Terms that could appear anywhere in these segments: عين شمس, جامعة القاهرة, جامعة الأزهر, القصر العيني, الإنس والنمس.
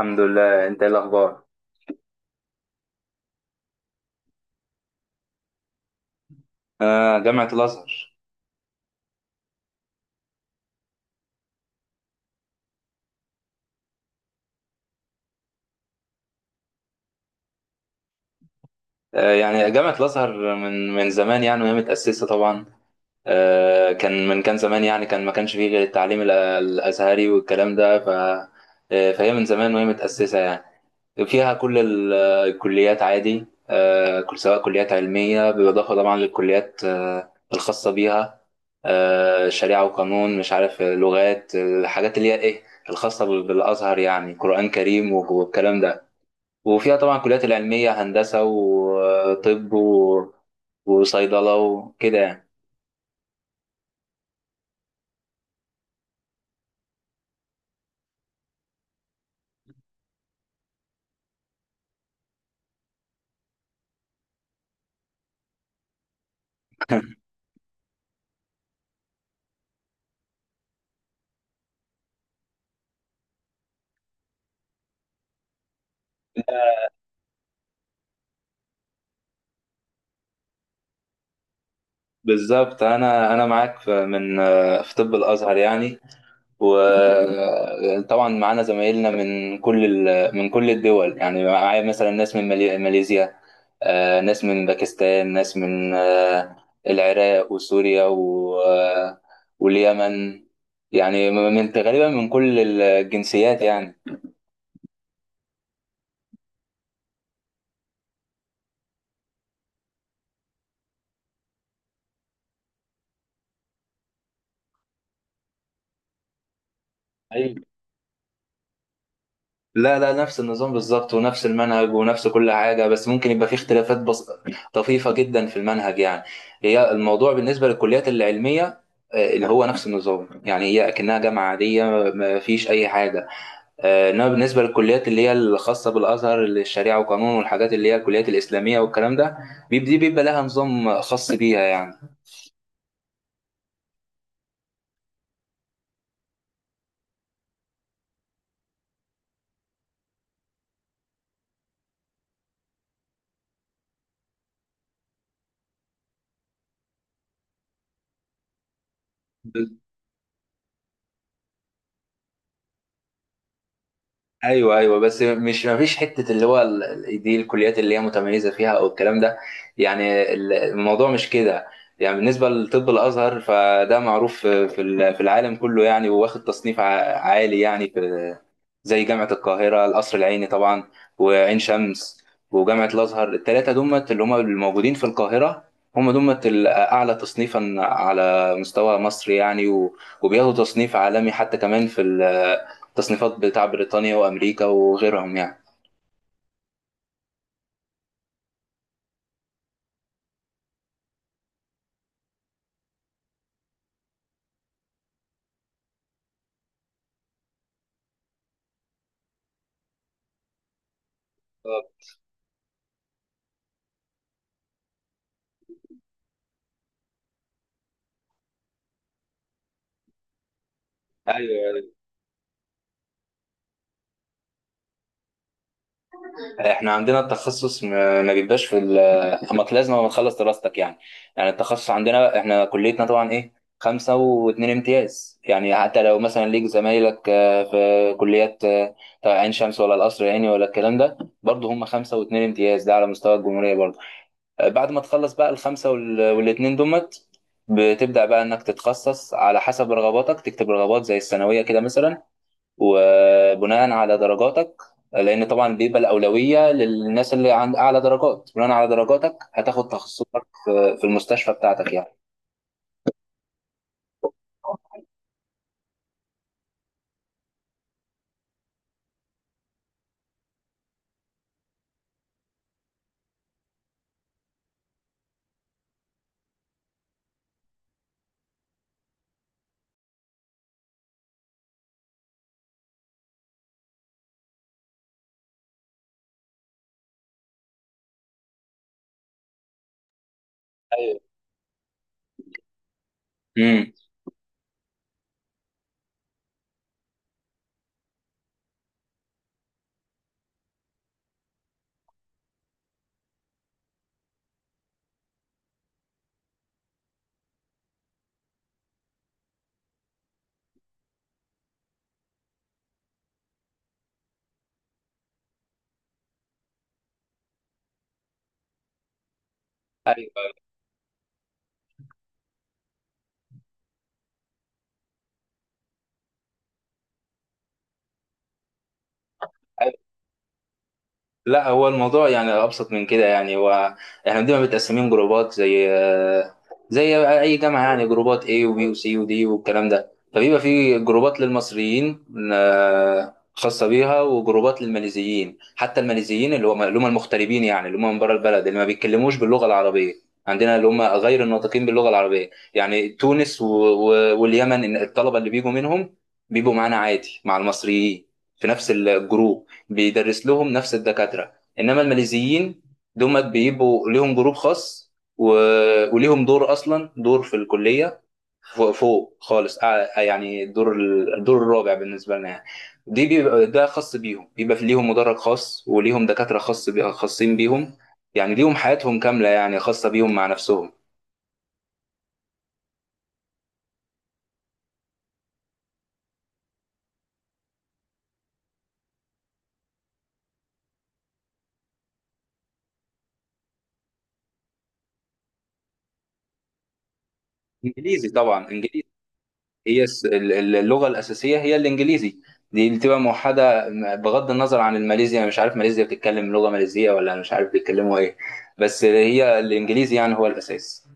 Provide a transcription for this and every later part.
الحمد لله. انت ايه الاخبار؟ آه، جامعة الازهر. آه، يعني جامعة الازهر من زمان يعني، وهي متأسسة طبعا. كان كان زمان يعني، كان ما كانش فيه غير التعليم الازهري والكلام ده. ف آه فهي من زمان وهي متأسسة يعني. فيها كل الكليات عادي، كل سواء كليات علمية، بالإضافة طبعا للكليات الخاصة بيها، شريعة وقانون، مش عارف لغات، الحاجات اللي هي ايه الخاصة بالازهر، يعني قرآن كريم والكلام ده. وفيها طبعا كليات العلمية، هندسة وطب وصيدلة وكده يعني. بالظبط، أنا معاك في في طب الأزهر يعني. وطبعا معانا زمايلنا من من كل الدول يعني. معايا مثلا ناس من ماليزيا، ناس من باكستان، ناس من العراق وسوريا و... آه، واليمن يعني، من غالبا من كل الجنسيات يعني. لا لا، نفس النظام بالظبط، ونفس المنهج ونفس كل حاجة، بس ممكن يبقى فيه اختلافات طفيفة جدا في المنهج يعني. هي الموضوع بالنسبة للكليات العلمية، اللي هو نفس النظام يعني، هي أكنها جامعة عادية، ما فيش أي حاجة. إنما بالنسبة للكليات اللي هي الخاصة بالأزهر، اللي الشريعة وقانون والحاجات اللي هي الكليات الإسلامية والكلام ده، دي بيبقى لها نظام خاص بيها يعني. ايوه ايوه، بس مش، ما فيش حته اللي هو دي الكليات اللي هي متميزه فيها او الكلام ده يعني. الموضوع مش كده يعني. بالنسبه لطب الازهر، فده معروف في في العالم كله يعني، وواخد تصنيف عالي يعني، في زي جامعة القاهرة القصر العيني طبعا وعين شمس وجامعة الأزهر، التلاتة دمت اللي هم الموجودين في القاهرة، هم دمت الأعلى تصنيفا على مستوى مصر يعني. وبياخدوا تصنيف عالمي حتى كمان في التصنيفات بتاع بريطانيا وأمريكا وغيرهم يعني. طب. ايوه، احنا عندنا التخصص، ما بيبقاش في ال- اما لازم تخلص دراستك يعني. يعني التخصص عندنا، احنا كليتنا طبعا ايه، خمسة واتنين امتياز يعني. حتى لو مثلا ليك زمايلك في كليات، طبعا عين شمس ولا القصر العيني ولا الكلام ده، برضه هم خمسة واتنين امتياز، ده على مستوى الجمهورية برضه. بعد ما تخلص بقى الخمسة والاتنين دمت، بتبدأ بقى انك تتخصص على حسب رغباتك، تكتب رغبات زي الثانوية كده مثلا، وبناء على درجاتك، لان طبعا بيبقى الاولويه للناس اللي عند اعلى درجات. بناء على درجاتك هتاخد تخصصك في المستشفى بتاعتك يعني. ايوه. امم ايوه. لا، هو الموضوع يعني ابسط من كده يعني. هو احنا بنبقى متقسمين جروبات، زي اي جامعه يعني، جروبات A وبي وسي ودي والكلام ده. فبيبقى في جروبات للمصريين خاصه بيها، وجروبات للماليزيين. حتى الماليزيين اللي هم، المغتربين يعني، اللي هم من بره البلد، اللي ما بيتكلموش باللغه العربيه، عندنا اللي هم غير الناطقين باللغه العربيه يعني، تونس واليمن، إن الطلبه اللي بيجوا منهم بيبقوا معانا عادي مع المصريين في نفس الجروب، بيدرس لهم نفس الدكاترة. انما الماليزيين دول بيبقوا ليهم جروب خاص، و... وليهم دور اصلا، دور في الكلية فوق، فوق خالص. يعني الدور الدور الرابع بالنسبة لنا يعني. دي بيبقى ده خاص بيهم، بيبقى في ليهم مدرج خاص، وليهم دكاترة خاصين بيهم يعني. ليهم حياتهم كاملة يعني، خاصة بيهم مع نفسهم. انجليزي طبعا، انجليزي. هي اللغة الأساسية هي الإنجليزي، دي اللي بتبقى موحدة، بغض النظر عن الماليزيا. أنا مش عارف ماليزيا بتتكلم لغة ماليزية، ولا أنا مش عارف بيتكلموا إيه، بس هي الإنجليزي يعني هو الأساس.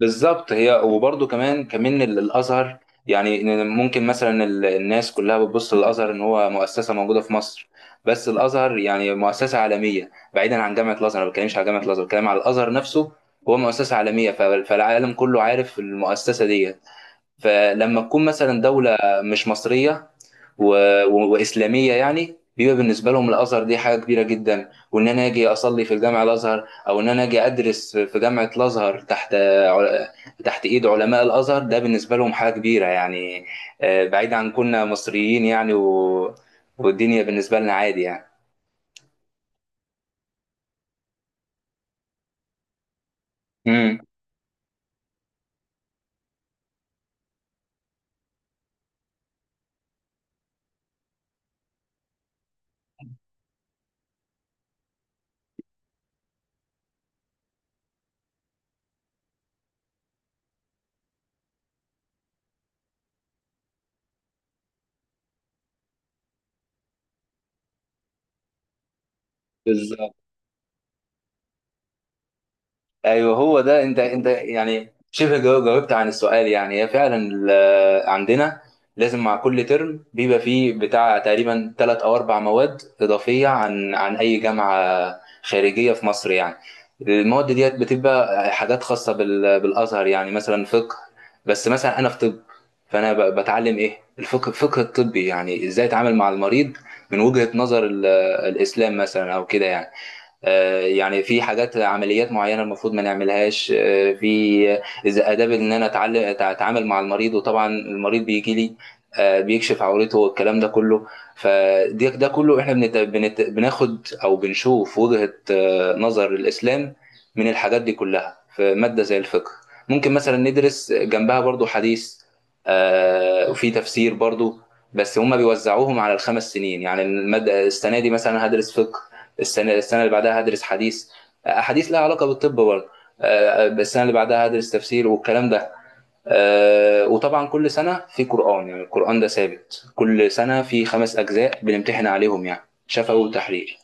بالظبط. هي وبرضه كمان كمان الأزهر يعني، إن ممكن مثلا الناس كلها بتبص للأزهر إن هو مؤسسة موجودة في مصر. بس الأزهر يعني مؤسسة عالمية، بعيدا عن جامعة الأزهر. أنا ما بتكلمش على جامعة الأزهر، بتكلم على الأزهر نفسه. هو مؤسسة عالمية، فالعالم كله عارف المؤسسة دي. فلما تكون مثلا دولة مش مصرية و... وإسلامية يعني، بيبقى بالنسبة لهم الأزهر دي حاجة كبيرة جدا، وإن أنا أجي أصلي في جامع الأزهر، أو إن أنا أجي أدرس في جامعة الأزهر تحت عل- تحت إيد علماء الأزهر، ده بالنسبة لهم حاجة كبيرة يعني. بعيد عن كنا مصريين يعني والدنيا بالنسبة لنا عادي يعني. امم ايوه، هو ده. انت يعني شبه جاوبت عن السؤال يعني. هي فعلا عندنا لازم مع كل ترم بيبقى فيه بتاع تقريبا ثلاث او اربع مواد اضافيه عن اي جامعه خارجيه في مصر يعني. المواد ديت بتبقى حاجات خاصه بالازهر، يعني مثلا فقه. بس مثلا انا في طب، فانا بتعلم ايه، الفقه الفقه الطبي، يعني ازاي اتعامل مع المريض من وجهه نظر الاسلام مثلا او كده يعني. يعني في حاجات، عمليات معينه المفروض ما نعملهاش، آه، في اذا اداب ان انا اتعلم اتعامل مع المريض. وطبعا المريض بيجي لي بيكشف عورته والكلام ده كله، فده ده كله احنا بناخد او بنشوف وجهه نظر الاسلام من الحاجات دي كلها، في ماده زي الفقه. ممكن مثلا ندرس جنبها برضو حديث، وفي تفسير برضو. بس هما بيوزعوهم على الخمس سنين. يعني المادة، السنة دي مثلا هدرس فقه، السنه اللي بعدها هدرس حديث، احاديث لها علاقه بالطب برضه. السنه اللي بعدها هدرس تفسير والكلام ده. وطبعا كل سنه في قران يعني. القران ده ثابت كل سنه، في خمس اجزاء بنمتحن عليهم يعني، شفوي وتحرير.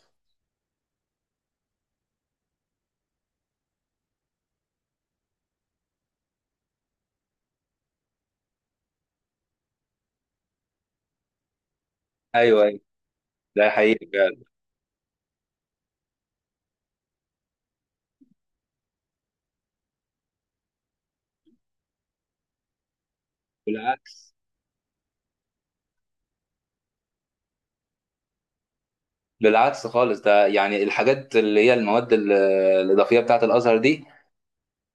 ايوه ايوه، ده حقيقي فعلا. بالعكس، بالعكس خالص. ده يعني الحاجات اللي هي المواد الاضافيه بتاعه الازهر دي،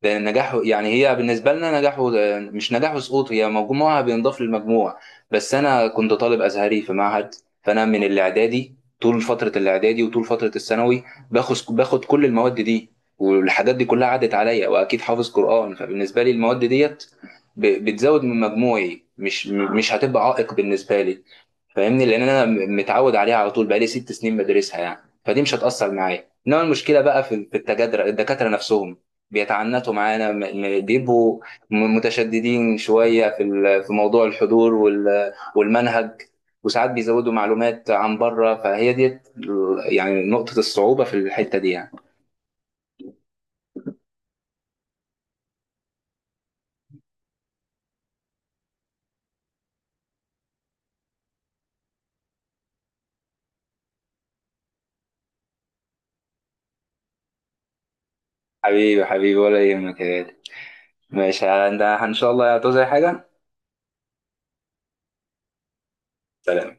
لان نجاحه يعني، هي بالنسبه لنا نجاحه مش نجاح وسقوط، هي مجموعها بينضاف للمجموع. بس انا كنت طالب ازهري في معهد، فانا من الاعدادي، طول فتره الاعدادي وطول فتره الثانوي باخد كل المواد دي، والحاجات دي كلها عدت عليا، واكيد حافظ قران. فبالنسبه لي المواد ديت بتزود من مجموعي، مش هتبقى عائق بالنسبه لي، فاهمني، لان انا متعود عليها على طول، بقالي ست سنين بدرسها يعني. فدي مش هتاثر معايا. انما المشكله بقى في التجادر، الدكاتره نفسهم بيتعنتوا معانا، م- بيبقوا متشددين شويه في موضوع الحضور والمنهج، وساعات بيزودوا معلومات عن بره. فهي دي يعني نقطه الصعوبه في الحته دي يعني. حبيبي حبيبي، ولا يهمك يا غالي. ماشي انت، ان شاء الله هتعوز اي حاجه. سلام.